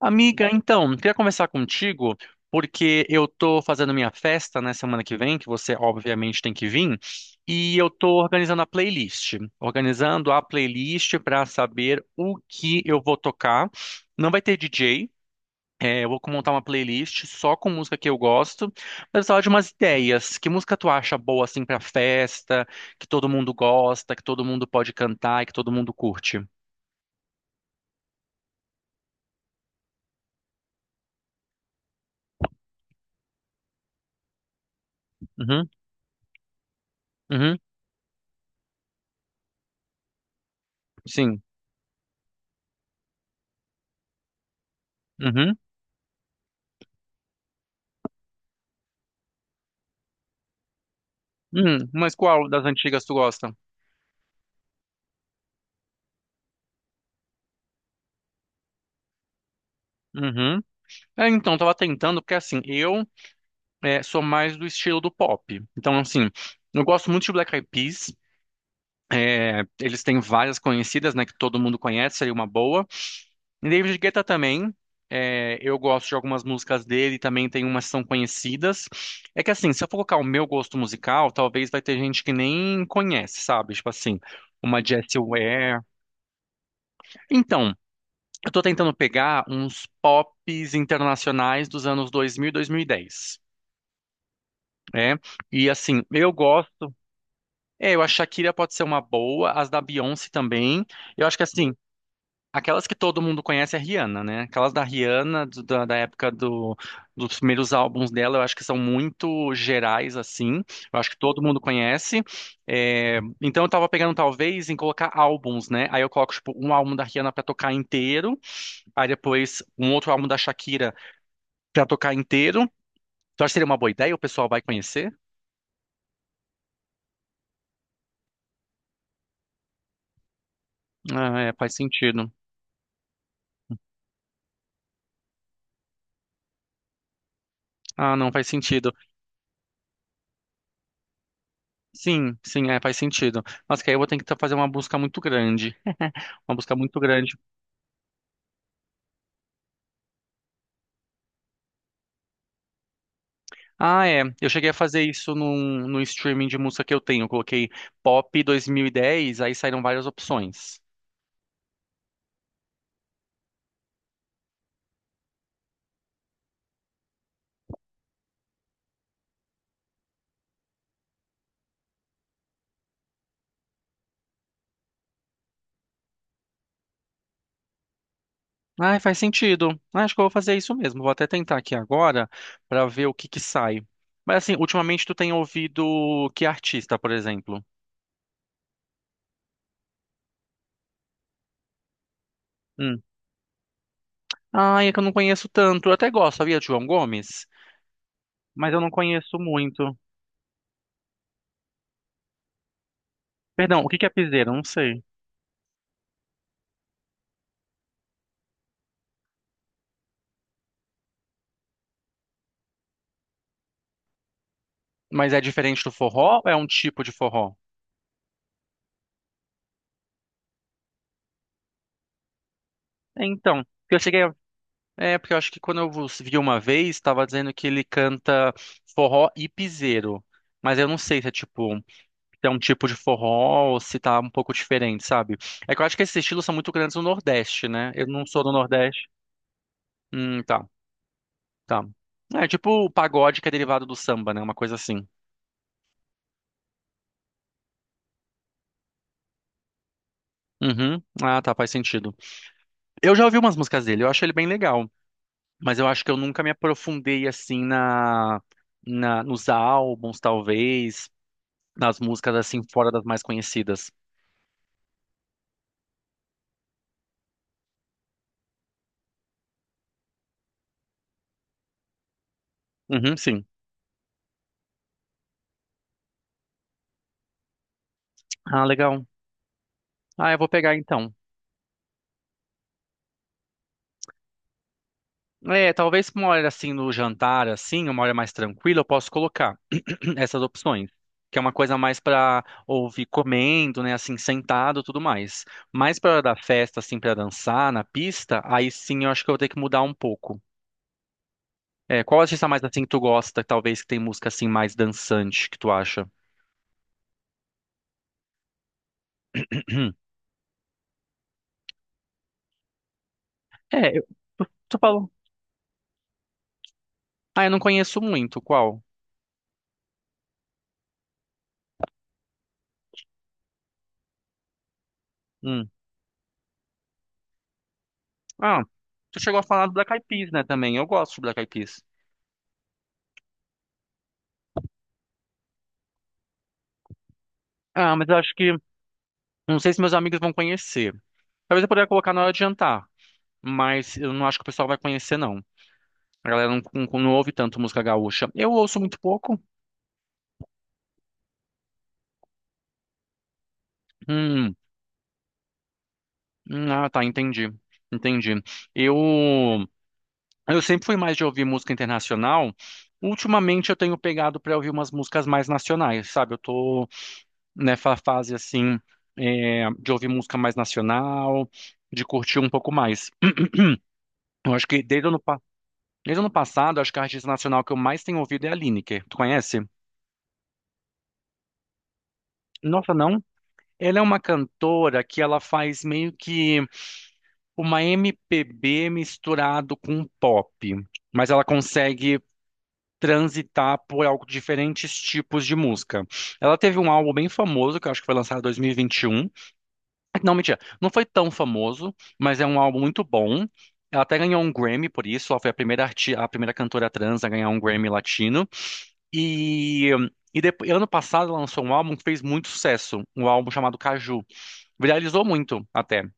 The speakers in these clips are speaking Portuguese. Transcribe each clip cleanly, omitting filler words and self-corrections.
Amiga, então, queria conversar contigo porque eu tô fazendo minha festa na semana que vem, que você obviamente tem que vir, e eu tô organizando a playlist para saber o que eu vou tocar. Não vai ter DJ, eu vou montar uma playlist só com música que eu gosto, mas eu precisava de umas ideias. Que música tu acha boa assim para festa, que todo mundo gosta, que todo mundo pode cantar e que todo mundo curte? Uhum, uhum, sim. Uhum. Mas qual das antigas tu gosta? Uhum. É, então, tava tentando, porque assim, sou mais do estilo do pop. Então, assim, eu gosto muito de Black Eyed Peas. Eles têm várias conhecidas, né, que todo mundo conhece, seria uma boa. E David Guetta também. Eu gosto de algumas músicas dele, também tem umas que são conhecidas. É que assim, se eu for colocar o meu gosto musical, talvez vai ter gente que nem conhece, sabe? Tipo assim, uma Jessie Ware. Então, eu tô tentando pegar uns pops internacionais dos anos 2000 e 2010, né? E assim, eu gosto. É, eu acho que a Shakira pode ser uma boa, as da Beyoncé também. Eu acho que assim, aquelas que todo mundo conhece é a Rihanna, né? Aquelas da Rihanna, da época dos primeiros álbuns dela, eu acho que são muito gerais, assim. Eu acho que todo mundo conhece. É, então eu tava pegando, talvez, em colocar álbuns, né? Aí eu coloco, tipo, um álbum da Rihanna pra tocar inteiro. Aí depois um outro álbum da Shakira pra tocar inteiro. Tu acha que seria uma boa ideia? O pessoal vai conhecer? Ah, é, faz sentido. Ah, não, faz sentido. Sim, sim, é, faz sentido. Mas que aí eu vou ter que fazer uma busca muito grande. Uma busca muito grande. Ah, é. Eu cheguei a fazer isso no streaming de música que eu tenho. Eu coloquei Pop 2010, aí saíram várias opções. Ah, faz sentido. Ah, acho que eu vou fazer isso mesmo. Vou até tentar aqui agora pra ver o que que sai. Mas assim, ultimamente tu tem ouvido que artista, por exemplo? Hum. Ah, é que eu não conheço tanto. Eu até gosto, sabia, de João Gomes? Mas eu não conheço muito. Perdão, o que que é piseiro? Eu não sei. Mas é diferente do forró ou é um tipo de forró? É, então, porque eu cheguei a... É, porque eu acho que quando eu vos vi uma vez, estava dizendo que ele canta forró e piseiro. Mas eu não sei se é tipo, se é um tipo de forró ou se tá um pouco diferente, sabe? É que eu acho que esses estilos são muito grandes no Nordeste, né? Eu não sou do Nordeste. Tá, tá. É tipo o pagode que é derivado do samba, né? Uma coisa assim. Uhum. Ah, tá, faz sentido. Eu já ouvi umas músicas dele, eu acho ele bem legal, mas eu acho que eu nunca me aprofundei assim na nos álbuns, talvez, nas músicas assim fora das mais conhecidas. Uhum, sim. Ah, legal. Ah, eu vou pegar então. É, talvez uma hora assim no jantar, assim, uma hora mais tranquila, eu posso colocar essas opções, que é uma coisa mais pra ouvir comendo, né, assim, sentado, e tudo mais. Mas pra hora da festa, assim, pra dançar na pista, aí sim eu acho que eu vou ter que mudar um pouco. É, qual artista mais assim que tu gosta, talvez que tem música assim mais dançante que tu acha? É, eu- tu falou. Ah, eu não conheço muito. Qual? Hum. Ah, tu chegou a falar do Black Eyed Peas, né, também. Eu gosto de Black Eyed Peas. Ah, mas eu acho que não sei se meus amigos vão conhecer. Talvez eu poderia colocar na hora de jantar, mas eu não acho que o pessoal vai conhecer não. A galera não ouve tanto música gaúcha. Eu ouço muito pouco. Hum. Ah, tá, entendi. Entendi. Eu Eu sempre fui mais de ouvir música internacional. Ultimamente eu tenho pegado para ouvir umas músicas mais nacionais, sabe? Eu tô nessa fase assim, é, de ouvir música mais nacional, de curtir um pouco mais. Eu acho que desde desde o ano passado, acho que a artista nacional que eu mais tenho ouvido é a Lineker. Tu conhece? Nossa, não? Ela é uma cantora que ela faz meio que uma MPB misturado com pop, mas ela consegue transitar por algo, diferentes tipos de música. Ela teve um álbum bem famoso, que eu acho que foi lançado em 2021. Não, mentira, não foi tão famoso, mas é um álbum muito bom. Ela até ganhou um Grammy por isso, ela foi a primeira cantora trans a ganhar um Grammy latino. E, e depois, ano passado ela lançou um álbum que fez muito sucesso, um álbum chamado Caju. Viralizou muito até.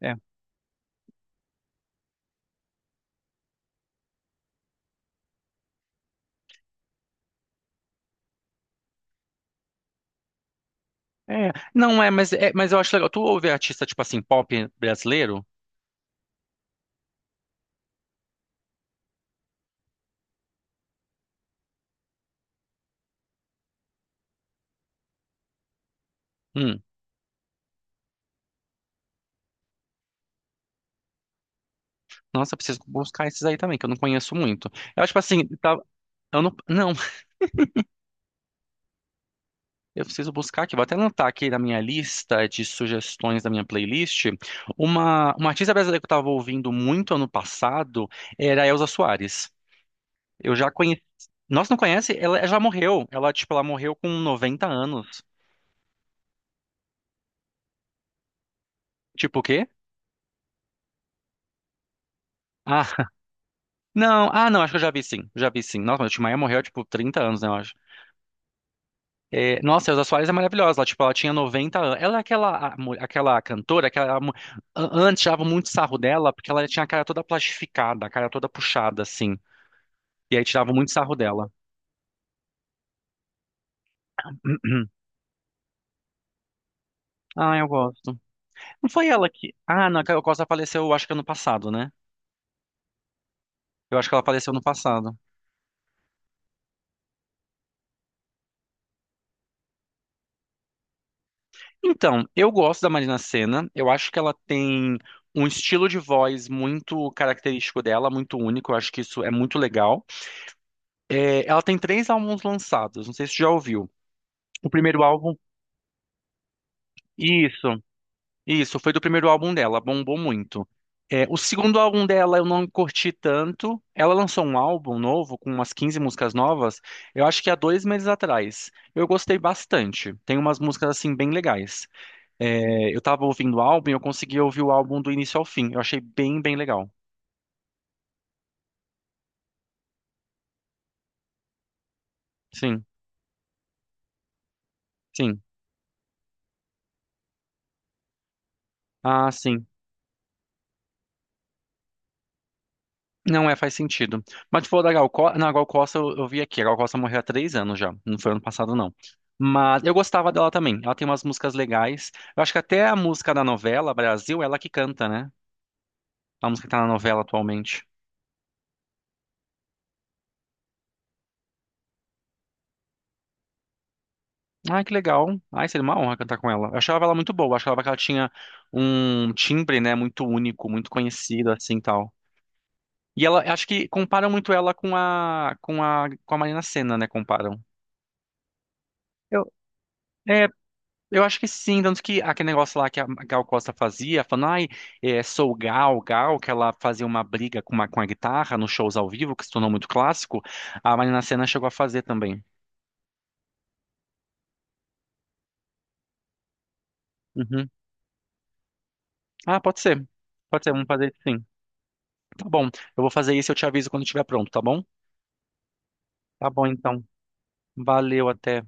É, é. Não é, mas, é, mas eu acho legal. Tu ouve artista tipo assim, pop brasileiro? Hum. Nossa, eu preciso buscar esses aí também, que eu não conheço muito. Eu, tipo assim, eu não, não, eu preciso buscar aqui. Vou até anotar aqui na minha lista de sugestões da minha playlist. Uma artista brasileira que eu estava ouvindo muito ano passado era a Elza Soares. Eu já conheci. Nossa, não conhece? Ela já morreu. Ela, tipo, ela morreu com 90 anos. Tipo o quê? Ah, não, ah, não, acho que eu já vi sim. Já vi sim. Nossa, mas o Tim Maia morreu, tipo, 30 anos, né? É, nossa, a Elza Soares é maravilhosa. Ela, tipo, ela tinha 90 anos. Ela é aquela, aquela cantora, antes tirava muito sarro dela, porque ela tinha a cara toda plastificada, a cara toda puxada, assim. E aí tirava muito sarro dela. Ah, eu gosto. Não foi ela que. Ah, não, a Caio Costa faleceu, acho que ano passado, né? Eu acho que ela faleceu ano passado. Então, eu gosto da Marina Sena. Eu acho que ela tem um estilo de voz muito característico dela, muito único. Eu acho que isso é muito legal. É, ela tem 3 álbuns lançados, não sei se você já ouviu. O primeiro álbum, isso, isso, foi do primeiro álbum dela, bombou muito. É, o segundo álbum dela eu não curti tanto. Ela lançou um álbum novo com umas 15 músicas novas, eu acho que há 2 meses atrás. Eu gostei bastante. Tem umas músicas assim bem legais. É, eu tava ouvindo o álbum e eu consegui ouvir o álbum do início ao fim. Eu achei bem legal. Sim, sim. Ah, sim. Não é, faz sentido. Mas, tipo, da Gal Costa. Não, Gal Costa eu vi aqui. A Gal Costa morreu há 3 anos já. Não foi ano passado, não. Mas eu gostava dela também. Ela tem umas músicas legais. Eu acho que até a música da novela Brasil, é ela que canta, né? A música que tá na novela atualmente. Ai, que legal. Ai, seria uma honra cantar com ela. Eu achava ela muito boa. Eu achava que ela tinha um timbre, né? Muito único, muito conhecido, assim, tal. E ela, acho que comparam muito ela com a Marina Sena, né? Comparam. Eu, é. Eu acho que sim, tanto que aquele negócio lá que a Gal Costa fazia, falando, ai, é, sou Gal, Gal, que ela fazia uma briga com a guitarra nos shows ao vivo, que se tornou muito clássico, a Marina Sena chegou a fazer também. Uhum. Ah, pode ser. Pode ser, vamos fazer isso sim. Tá bom, eu vou fazer isso e eu te aviso quando estiver pronto, tá bom? Tá bom, então. Valeu, até.